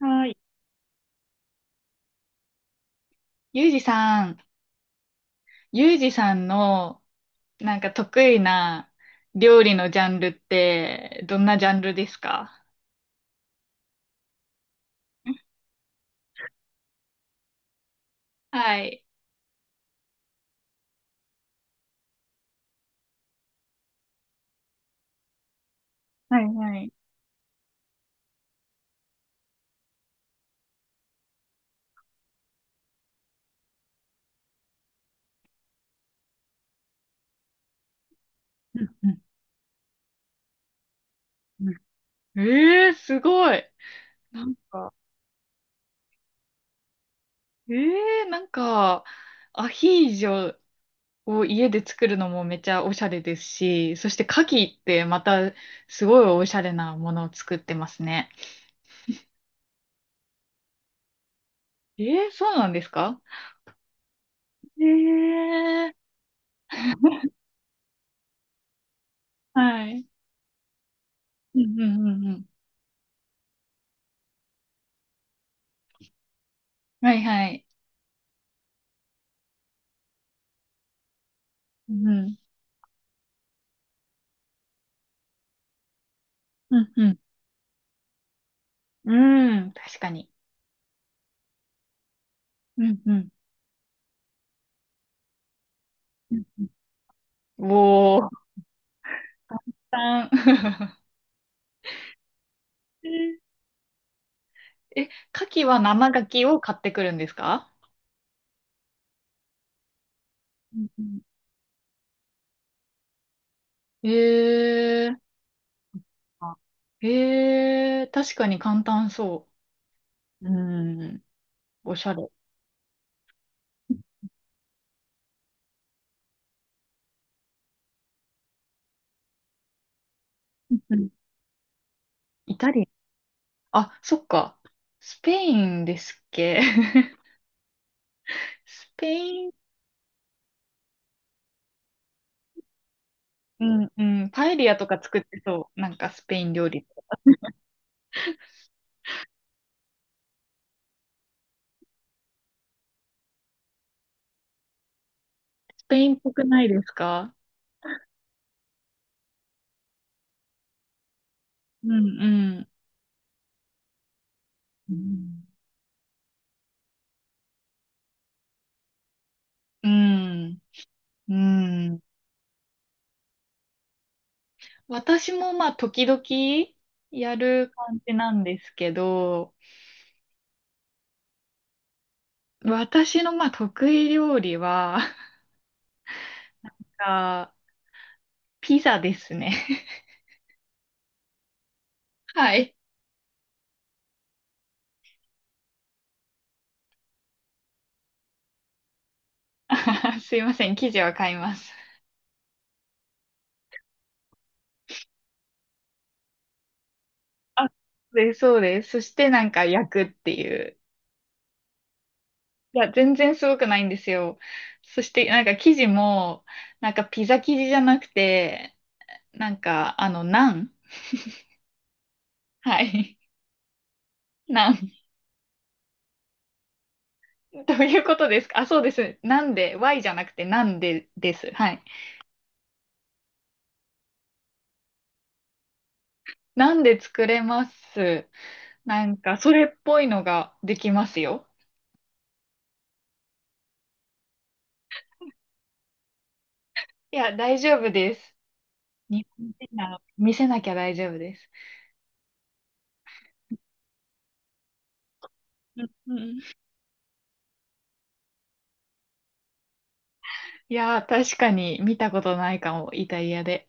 はい。ゆうじさん、ゆうじさんのなんか得意な料理のジャンルってどんなジャンルですか？はい。はいはい。うんうんうん。すごい。なんか、えなんか、アヒージョを家で作るのもめちゃおしゃれですし、そして牡蠣ってまたすごいおしゃれなものを作ってますね。そうなんですか？えー、はい。うんうんうんうん。はいはい。うん。うん、うん。うん、確かに。うん、うん。うんうんおー。たくさん え、牡蠣は生牡蠣を買ってくるんですか？うんうんえー。あ、確かに簡単そう。うん。おしゃれ。うんうんイタリアン。あ、そっか。スペインですっけ？ スペイン、うんうん。パエリアとか作ってそう。なんかスペイン料理。スペインっぽくないですか？うんうん。うん。うん、私もまあ時々やる感じなんですけど、私のまあ得意料理は、あ、ピザですね。はい。あすいません、生地は買います。あ、で、そうです。そしてなんか焼くっていう。いや、全然すごくないんですよ。そしてなんか生地も、なんかピザ生地じゃなくて、なんかあの、ナン。はい。ナン どういうことですか？あ、そうです。なんで、Y じゃなくて、なんでです。はい。なんで作れます。なんか、それっぽいのができますよ。いや、大丈夫です。日本人なの、見せなきゃ大丈夫です。うんうんいやー、確かに見たことないかも、イタリアで。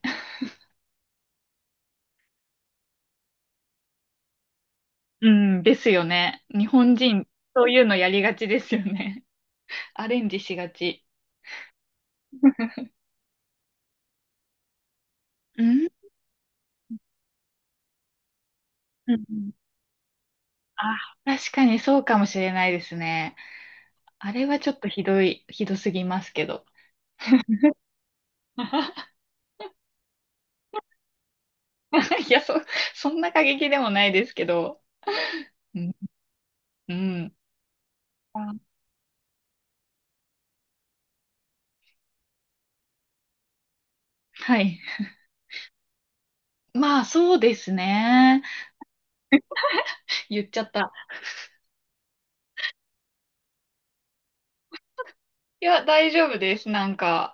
うん、ですよね。日本人、そういうのやりがちですよね。アレンジしがち。うん、うんうんあ、確かにそうかもしれないですね。あれはちょっとひどい、ひどすぎますけど。いや、そんな過激でもないですけど。うん。うん。あはい。まあ、そうですね。言っちゃった。いや、大丈夫です。なんか。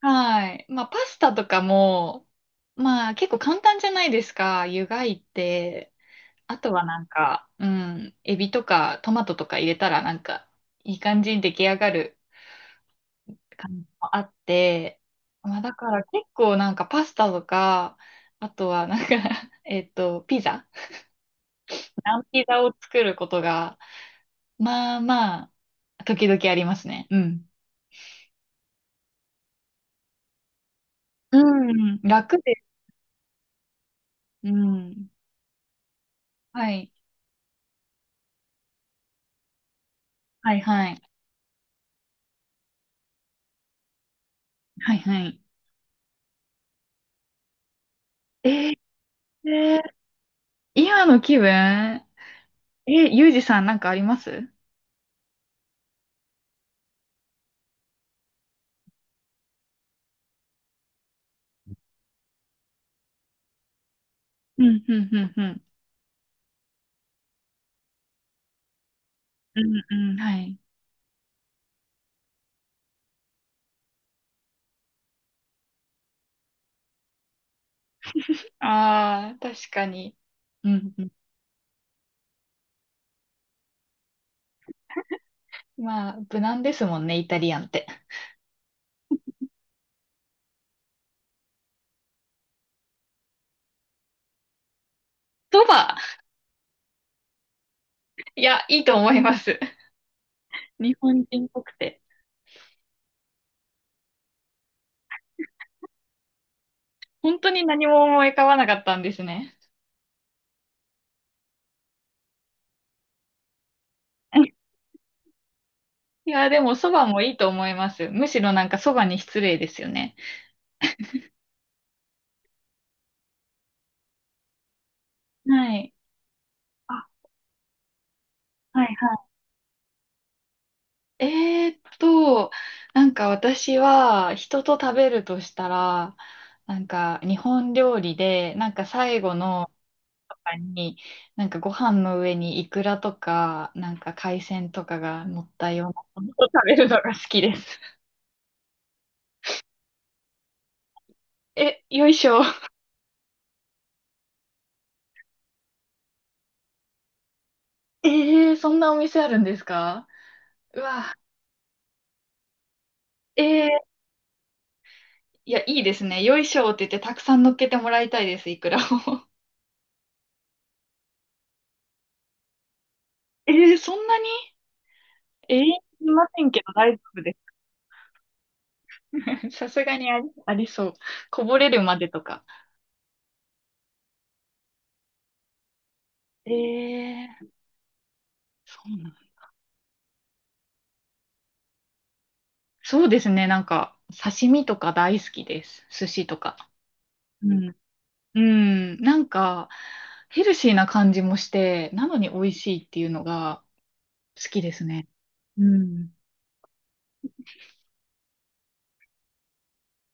はい。まあ、パスタとかも、まあ、結構簡単じゃないですか。湯がいて。あとはなんか、うん。エビとかトマトとか入れたら、なんか、いい感じに出来上がる感じもあって。まあ、だから結構なんかパスタとか、あとはなんか ピザ。生ピザを作ることが、まあまあ、時々ありますね。うん。うん、楽です。うん。はい。はいはい。はいはい。えー、今の気分、ゆうじさんなんかあります？うんうんうんうん。うんうん、はい。ああ、確かに。うんうん。まあ、無難ですもんね、イタリアンって。そば、いや、いいと思います。日本人っぽくて。本当に何も思い浮かばなかったんですね。いや、でも、そばもいいと思います。むしろなんかそばに失礼ですよね。はい。あ、はいはい。なんか私は人と食べるとしたら、なんか日本料理で、なんか最後のとかに、なんかご飯の上にイクラとか、なんか海鮮とかが乗ったようなものを食べるのが好きです。え、よいしょ。そんなお店あるんですか？うわ。えーいや、いいですね。よいしょって言ってたくさん乗っけてもらいたいです、いくらを。そんなにええいませんけど大丈夫です。さすがにあり、ありそう。こぼれるまでとか。えー、そうなん、そうですね。なんか、刺身とか大好きです。寿司とか。うん。うん。なんか、ヘルシーな感じもして、なのに美味しいっていうのが好きですね。うん。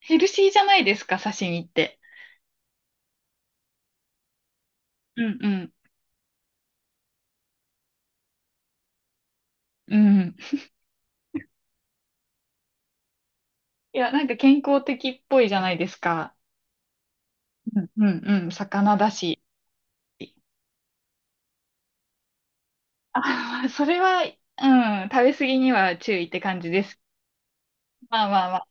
ヘルシーじゃないですか、刺身って。うんうん。うん。いや、なんか健康的っぽいじゃないですか。うんうんうん、魚だし。あ、それは、うん、食べ過ぎには注意って感じです。まあまあまあ。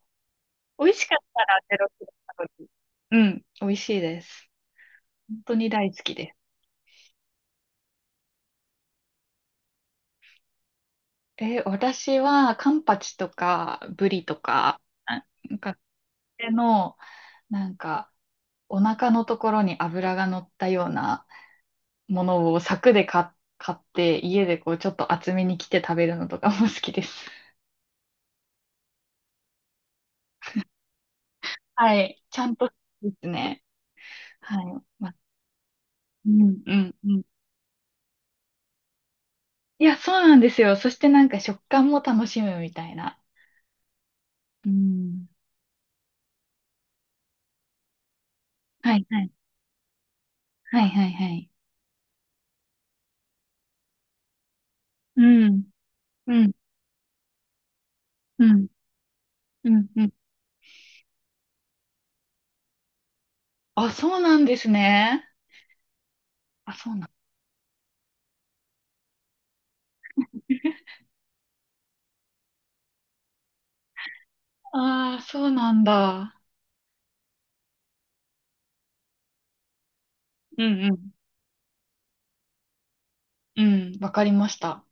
美味しかったらゼロキロカロリー。うん、美味しいです。本当に大好きです。え、私はカンパチとかブリとか、あなんか手の、なんかお腹のところに油が乗ったようなものを柵で買って家でこうちょっと厚めに切って食べるのとかも好きです。はい。ちゃんとですね。はい。ま、うん、うん、うん。いや、そうなんですよ。そしてなんか食感も楽しむみたいな。うん。はい、はい。はい、はい、はい。うん、うん、うん、うん、うん。あ、そうなんですね。あ、そうなん。ああ、そうなんだ。うん、うん。うん、わかりました。